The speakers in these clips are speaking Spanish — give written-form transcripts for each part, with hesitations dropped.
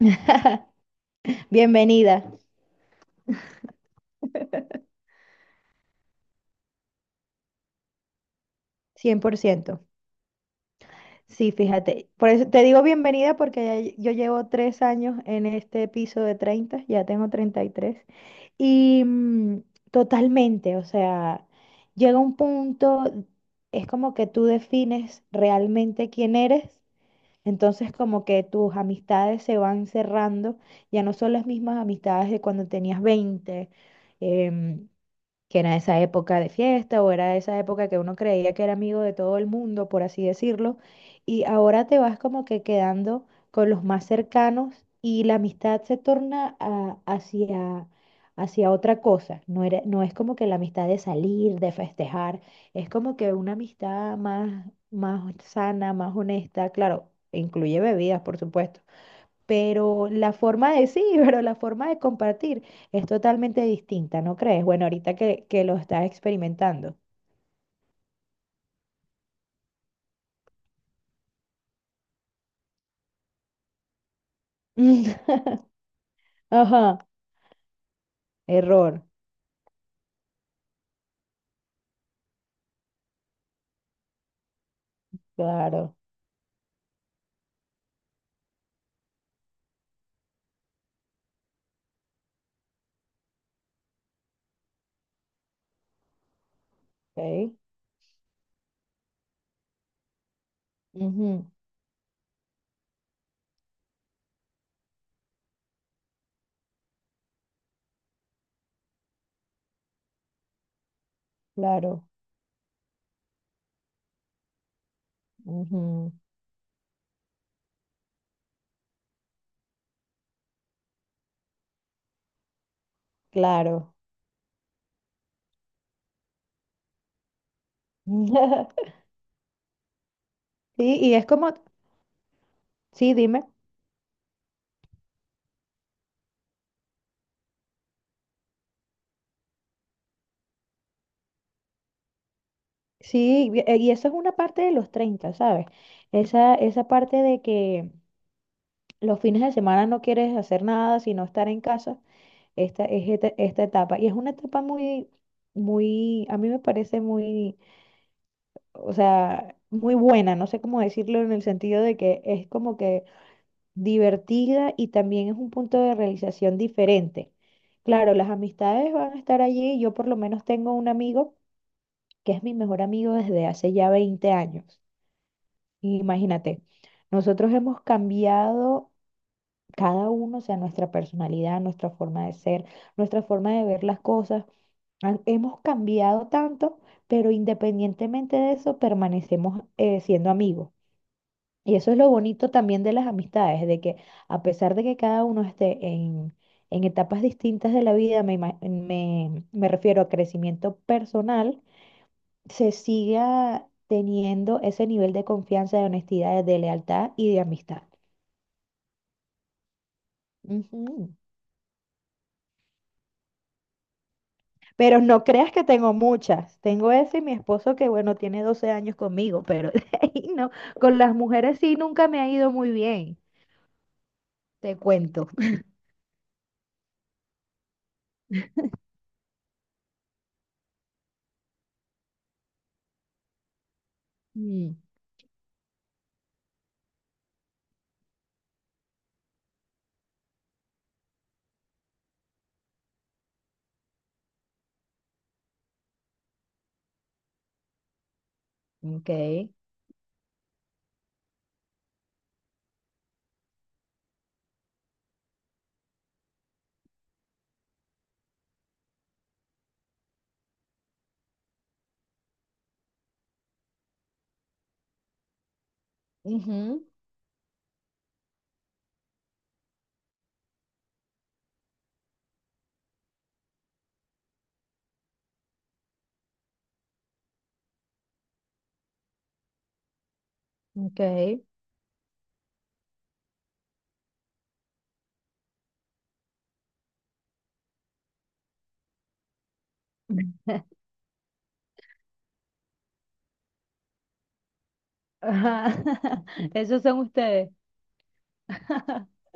Bienvenida, 100%. Sí, fíjate. Por eso te digo bienvenida porque ya yo llevo 3 años en este piso de 30. Ya tengo 30 y tres. Y totalmente, o sea, llega un punto, es como que tú defines realmente quién eres. Entonces como que tus amistades se van cerrando, ya no son las mismas amistades de cuando tenías 20. em, que era esa época de fiesta, o era esa época que uno creía que era amigo de todo el mundo, por así decirlo. Y ahora te vas como que quedando con los más cercanos, y la amistad se torna hacia otra cosa. No es como que la amistad de salir, de festejar. Es como que una amistad más, más sana, más honesta. Claro, incluye bebidas, por supuesto. Pero la forma de sí, Pero la forma de compartir es totalmente distinta, ¿no crees? Bueno, ahorita que lo estás experimentando. Ajá, error, claro, ok. Ujú, claro, ujú, claro. Sí, y es como, sí, dime, sí, y eso es una parte de los 30, ¿sabes? Esa parte de que los fines de semana no quieres hacer nada, sino estar en casa. Esta es esta etapa. Y es una etapa muy, muy, a mí me parece muy, o sea, muy buena. No sé cómo decirlo, en el sentido de que es como que divertida, y también es un punto de realización diferente. Claro, las amistades van a estar allí. Yo por lo menos tengo un amigo que es mi mejor amigo desde hace ya 20 años. Imagínate, nosotros hemos cambiado cada uno, o sea, nuestra personalidad, nuestra forma de ser, nuestra forma de ver las cosas. Hemos cambiado tanto, pero independientemente de eso, permanecemos siendo amigos. Y eso es lo bonito también de las amistades, de que a pesar de que cada uno esté en etapas distintas de la vida, me refiero a crecimiento personal, se siga teniendo ese nivel de confianza, de honestidad, de lealtad y de amistad. Ujú. Pero no creas que tengo muchas. Tengo ese y mi esposo que, bueno, tiene 12 años conmigo, pero de ahí no. Con las mujeres sí nunca me ha ido muy bien, te cuento. Mm, ok. Ujú, ok. Ajá, esos son ustedes.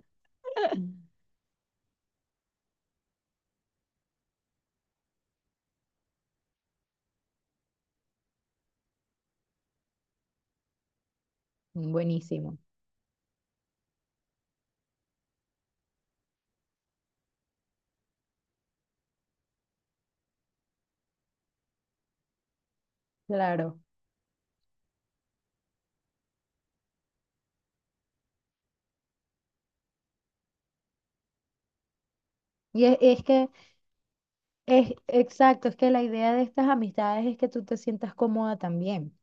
Buenísimo, claro. Y es, es que, es que la idea de estas amistades es que tú te sientas cómoda también.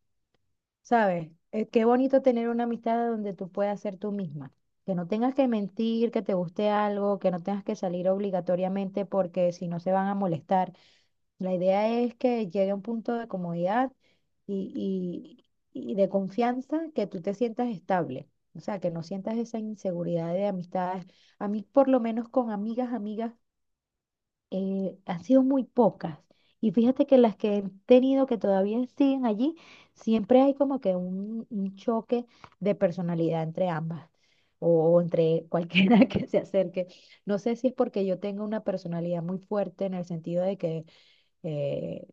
¿Sabes? Qué bonito tener una amistad donde tú puedas ser tú misma. Que no tengas que mentir, que te guste algo, que no tengas que salir obligatoriamente porque si no se van a molestar. La idea es que llegue a un punto de comodidad y, y de confianza, que tú te sientas estable. O sea, que no sientas esa inseguridad de amistades. A mí, por lo menos, con amigas, amigas, han sido muy pocas. Y fíjate que las que he tenido que todavía siguen allí, siempre hay como que un choque de personalidad entre ambas o entre cualquiera que se acerque. No sé si es porque yo tengo una personalidad muy fuerte, en el sentido de que eh,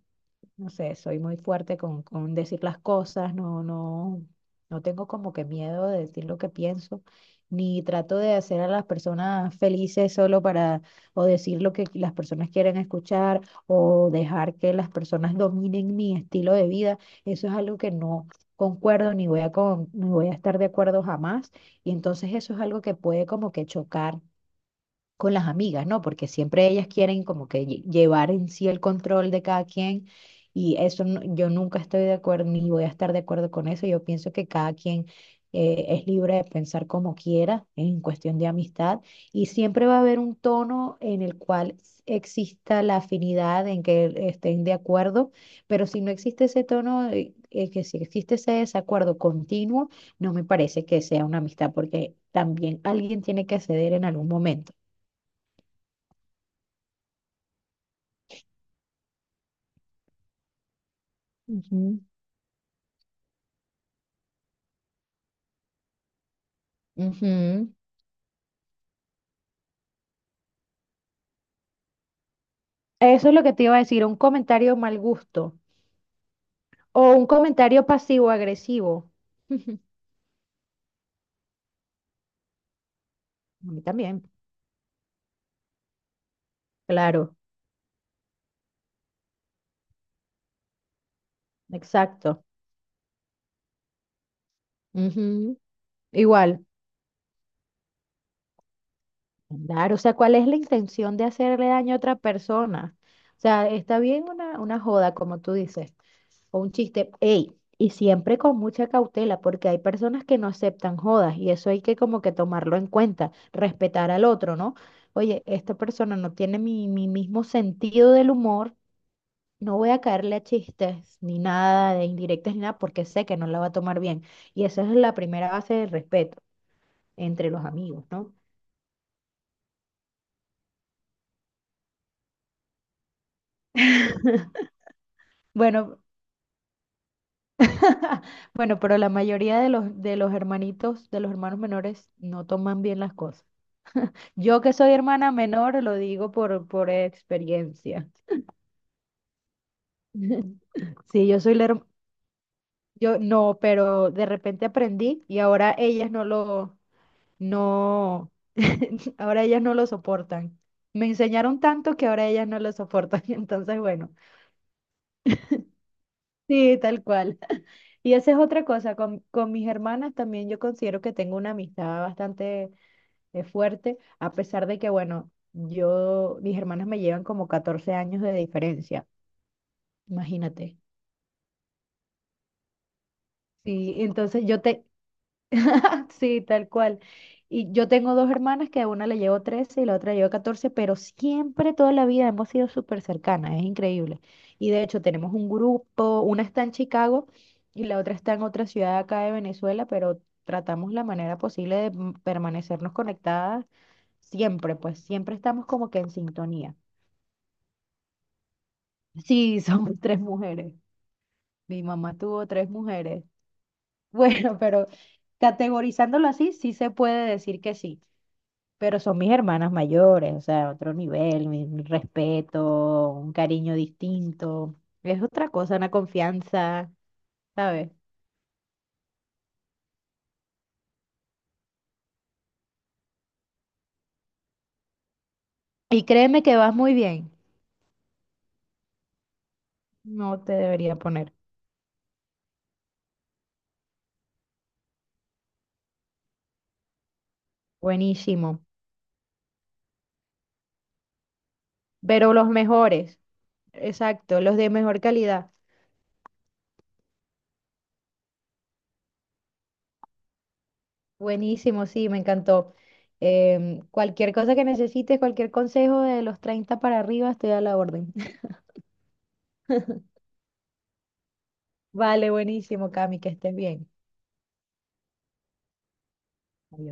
no sé, soy muy fuerte con decir las cosas. No, no tengo como que miedo de decir lo que pienso, ni trato de hacer a las personas felices solo para, o decir lo que las personas quieren escuchar, o dejar que las personas dominen mi estilo de vida. Eso es algo que no concuerdo, ni voy a estar de acuerdo jamás. Y entonces eso es algo que puede como que chocar con las amigas, ¿no? Porque siempre ellas quieren como que llevar en sí el control de cada quien, y eso no, yo nunca estoy de acuerdo ni voy a estar de acuerdo con eso. Yo pienso que cada quien es libre de pensar como quiera en cuestión de amistad, y siempre va a haber un tono en el cual exista la afinidad en que estén de acuerdo. Pero si no existe ese tono, que si existe ese desacuerdo continuo, no me parece que sea una amistad, porque también alguien tiene que ceder en algún momento. Ujú, ujú. Eso es lo que te iba a decir, un comentario mal gusto o un comentario pasivo-agresivo. A mí también, claro, exacto. Ujú. Igual, claro, o sea, ¿cuál es la intención de hacerle daño a otra persona? O sea, está bien una joda, como tú dices, o un chiste, ey, y siempre con mucha cautela, porque hay personas que no aceptan jodas, y eso hay que como que tomarlo en cuenta, respetar al otro, ¿no? Oye, esta persona no tiene mi mismo sentido del humor, no voy a caerle a chistes ni nada de indirectas ni nada porque sé que no la va a tomar bien. Y esa es la primera base del respeto entre los amigos, ¿no? Bueno, bueno, pero la mayoría de los hermanitos, de los hermanos menores, no toman bien las cosas. Yo que soy hermana menor, lo digo por experiencia. Sí, yo soy la hermana, yo no, pero de repente aprendí, y ahora ellas no lo, no, ahora ellas no lo soportan. Me enseñaron tanto que ahora ellas no lo soportan. Entonces, bueno, sí, tal cual. Y esa es otra cosa, con mis hermanas también yo considero que tengo una amistad bastante fuerte, a pesar de que, bueno, yo, mis hermanas me llevan como 14 años de diferencia, imagínate. Sí, entonces sí, tal cual. Y yo tengo dos hermanas, que a una le llevo 13 y la otra le llevo 14, pero siempre, toda la vida hemos sido súper cercanas, es increíble. Y de hecho tenemos un grupo, una está en Chicago y la otra está en otra ciudad acá de Venezuela, pero tratamos la manera posible de permanecernos conectadas siempre. Pues siempre estamos como que en sintonía. Sí, somos tres mujeres. Mi mamá tuvo tres mujeres. Bueno, pero categorizándolo así, sí se puede decir que sí, pero son mis hermanas mayores, o sea, otro nivel, mi respeto, un cariño distinto, es otra cosa, una confianza, ¿sabes? Y créeme que vas muy bien, no te debería poner, buenísimo, pero los mejores, exacto, los de mejor calidad, buenísimo, sí, me encantó. Cualquier cosa que necesites, cualquier consejo de los 30 para arriba, estoy a la orden. Vale, buenísimo, Cami, que estés bien. Adiós.